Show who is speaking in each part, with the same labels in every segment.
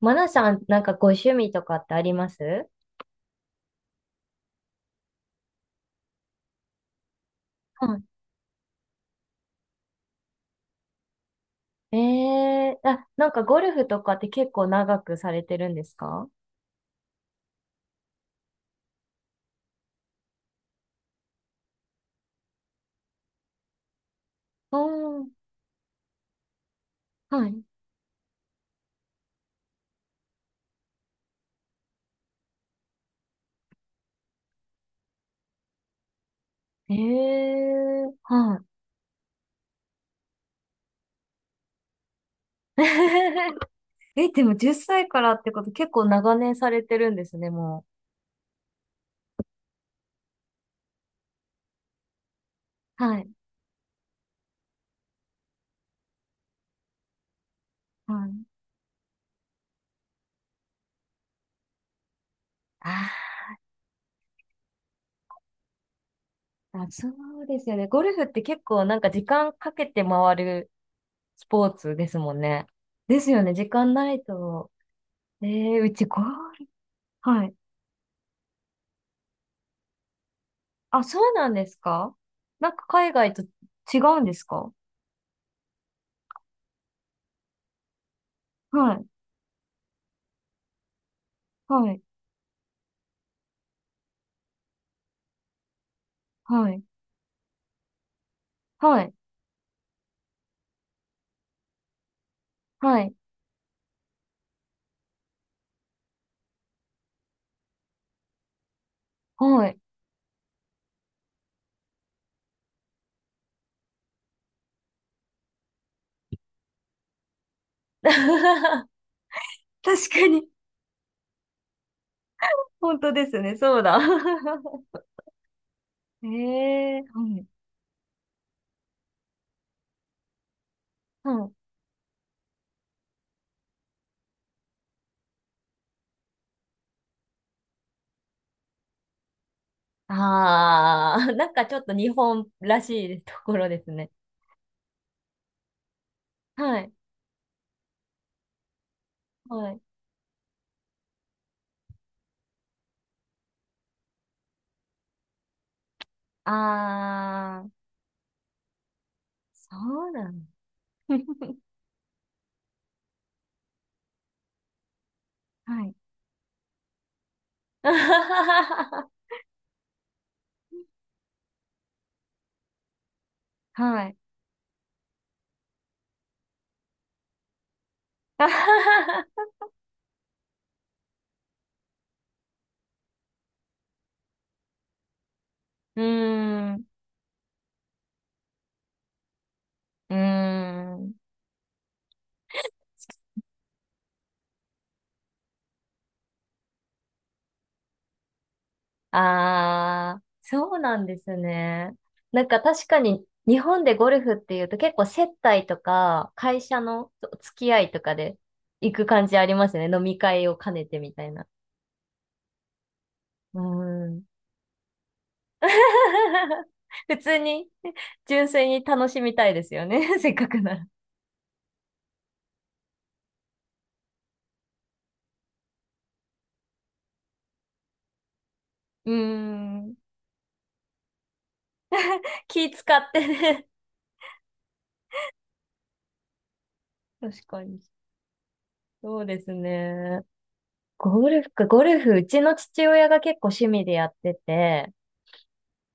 Speaker 1: マナさん、なんかご趣味とかってあります？はい、ええー、あ、なんかゴルフとかって結構長くされてるんですか？おー、はい。ええー、はい。え、でも10歳からってこと結構長年されてるんですね、もう。はい。はい。あー、あ、そうですよね。ゴルフって結構なんか時間かけて回るスポーツですもんね。ですよね、時間ないと。えー、うちゴール、はい、あ、そうなんですか？なんか海外と違うんですか？はい、はい、はい、はい、はい、はい。確かに、本当ですね、そうだ。ええ、はい、はい。ああ、なんかちょっと日本らしいところですね。はい、はい。ああ、そうなの。はい。はい。うーん、うーん。ああ、そうなんですね。なんか確かに日本でゴルフっていうと結構接待とか会社のお付き合いとかで行く感じありますよね。飲み会を兼ねてみたいな。うん。普通に純粋に楽しみたいですよね。せっかくなら。うん。気使ってね。確かに。そうですね。ゴルフか、ゴルフ、うちの父親が結構趣味でやってて、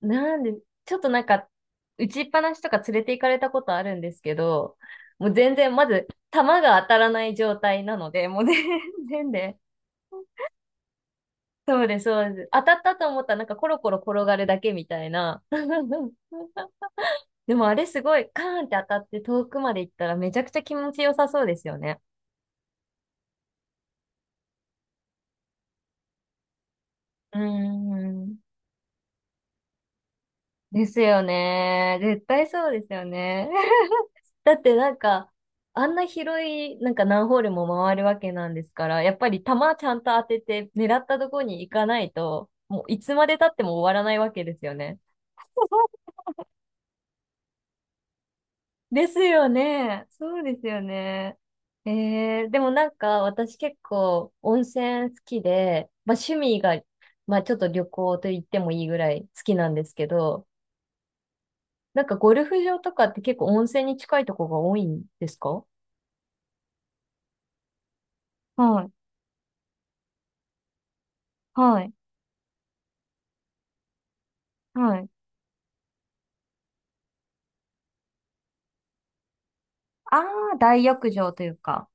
Speaker 1: なんで、ちょっとなんか、打ちっぱなしとか連れて行かれたことあるんですけど、もう全然、まず、球が当たらない状態なので、もうね。 全然で、そうです、そうです。当たったと思ったら、なんかコロコロ転がるだけみたいな。でもあれすごい、カーンって当たって遠くまで行ったらめちゃくちゃ気持ちよさそうですよね。うーん。ですよね。絶対そうですよね。だってなんか、あんな広い、なんか何ホールも回るわけなんですから、やっぱり球ちゃんと当てて狙ったとこに行かないと、もういつまで経っても終わらないわけですよね。ですよね。そうですよね。えー、でもなんか私結構温泉好きで、まあ趣味が、まあちょっと旅行と言ってもいいぐらい好きなんですけど、なんかゴルフ場とかって結構温泉に近いとこが多いんですか？はい、はい、はい。ああ、大浴場というか。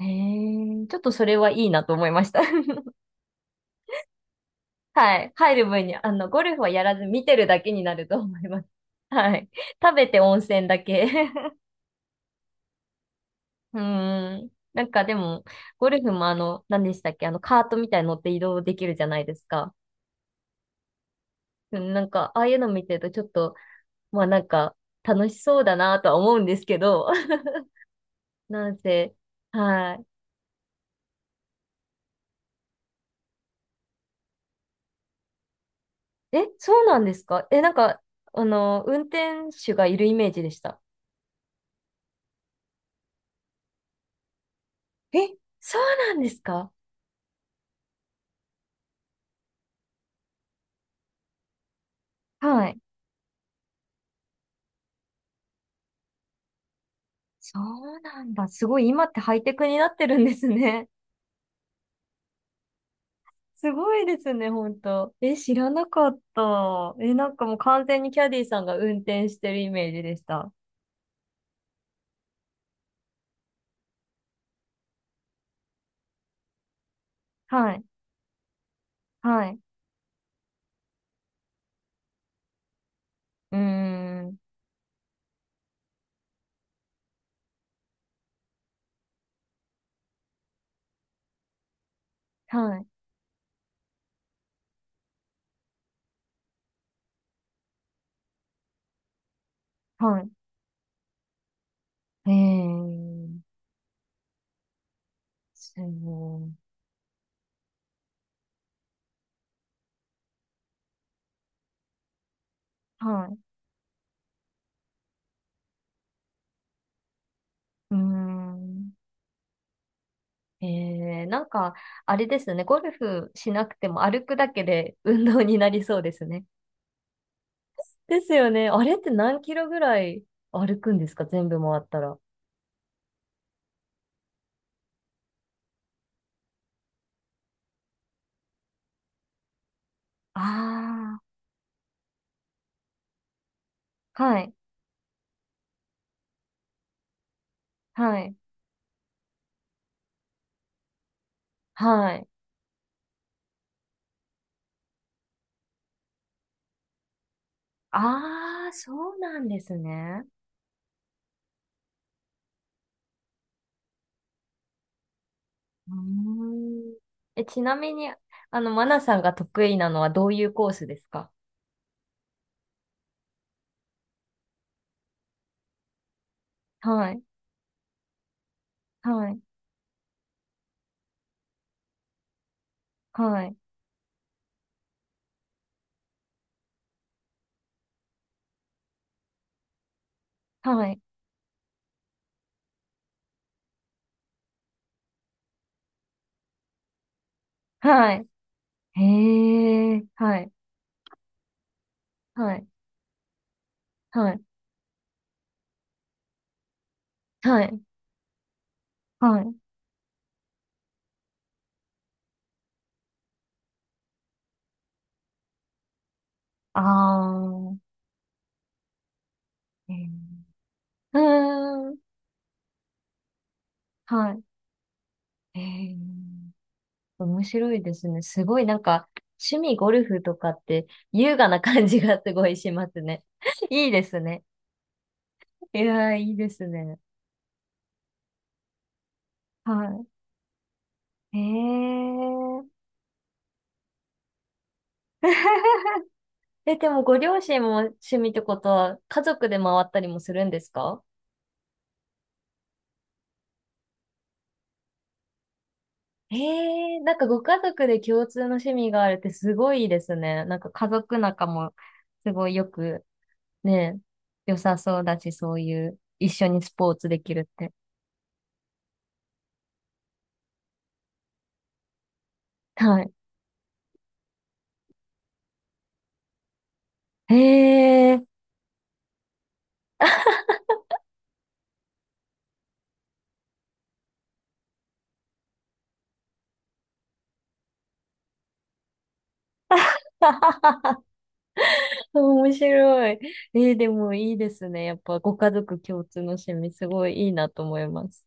Speaker 1: へえ、ちょっとそれはいいなと思いました。はい。入る分に、あの、ゴルフはやらず見てるだけになると思います。はい。食べて温泉だけ。うーん。なんかでも、ゴルフもあの、何でしたっけ、あの、カートみたいに乗って移動できるじゃないですか。うん、なんか、ああいうの見てるとちょっと、まあなんか、楽しそうだなとは思うんですけど、なんせ、はい。え、そうなんですか？え、なんか、あの、運転手がいるイメージでした。え、そうなんですか？はい。そうなんだ。すごい、今ってハイテクになってるんですね。すごいですね、ほんと。え、知らなかった。え、なんかもう完全にキャディーさんが運転してるイメージでした。はい。はい。うーん。はい。はい。えー、すごい。はい。うーん。ええ、なんか、あれですね。ゴルフしなくても歩くだけで運動になりそうですね。ですよね。あれって何キロぐらい歩くんですか？全部回ったら。ああ、はい、はい、はい。ああ、そうなんですね。うーん。え、ちなみに、あの、マナさんが得意なのはどういうコースですか？はい、はい、はい、はい、はい。へえ、はい、はい、はい、はい。はい、ああ、えー、うーん、はい。えー、面白いですね。すごいなんか、趣味ゴルフとかって優雅な感じがすごいしますね。いいですね。いやー、いいですね。はい。えー、え、でもご両親も趣味ってことは家族で回ったりもするんですか？えー、なんかご家族で共通の趣味があるってすごいいいですね。なんか家族仲もすごいよくね、え、良さそうだし、そういう、一緒にスポーツできるって。はい。へえ、面白い。えーでもいいですね。やっぱご家族共通の趣味、すごいいいなと思います。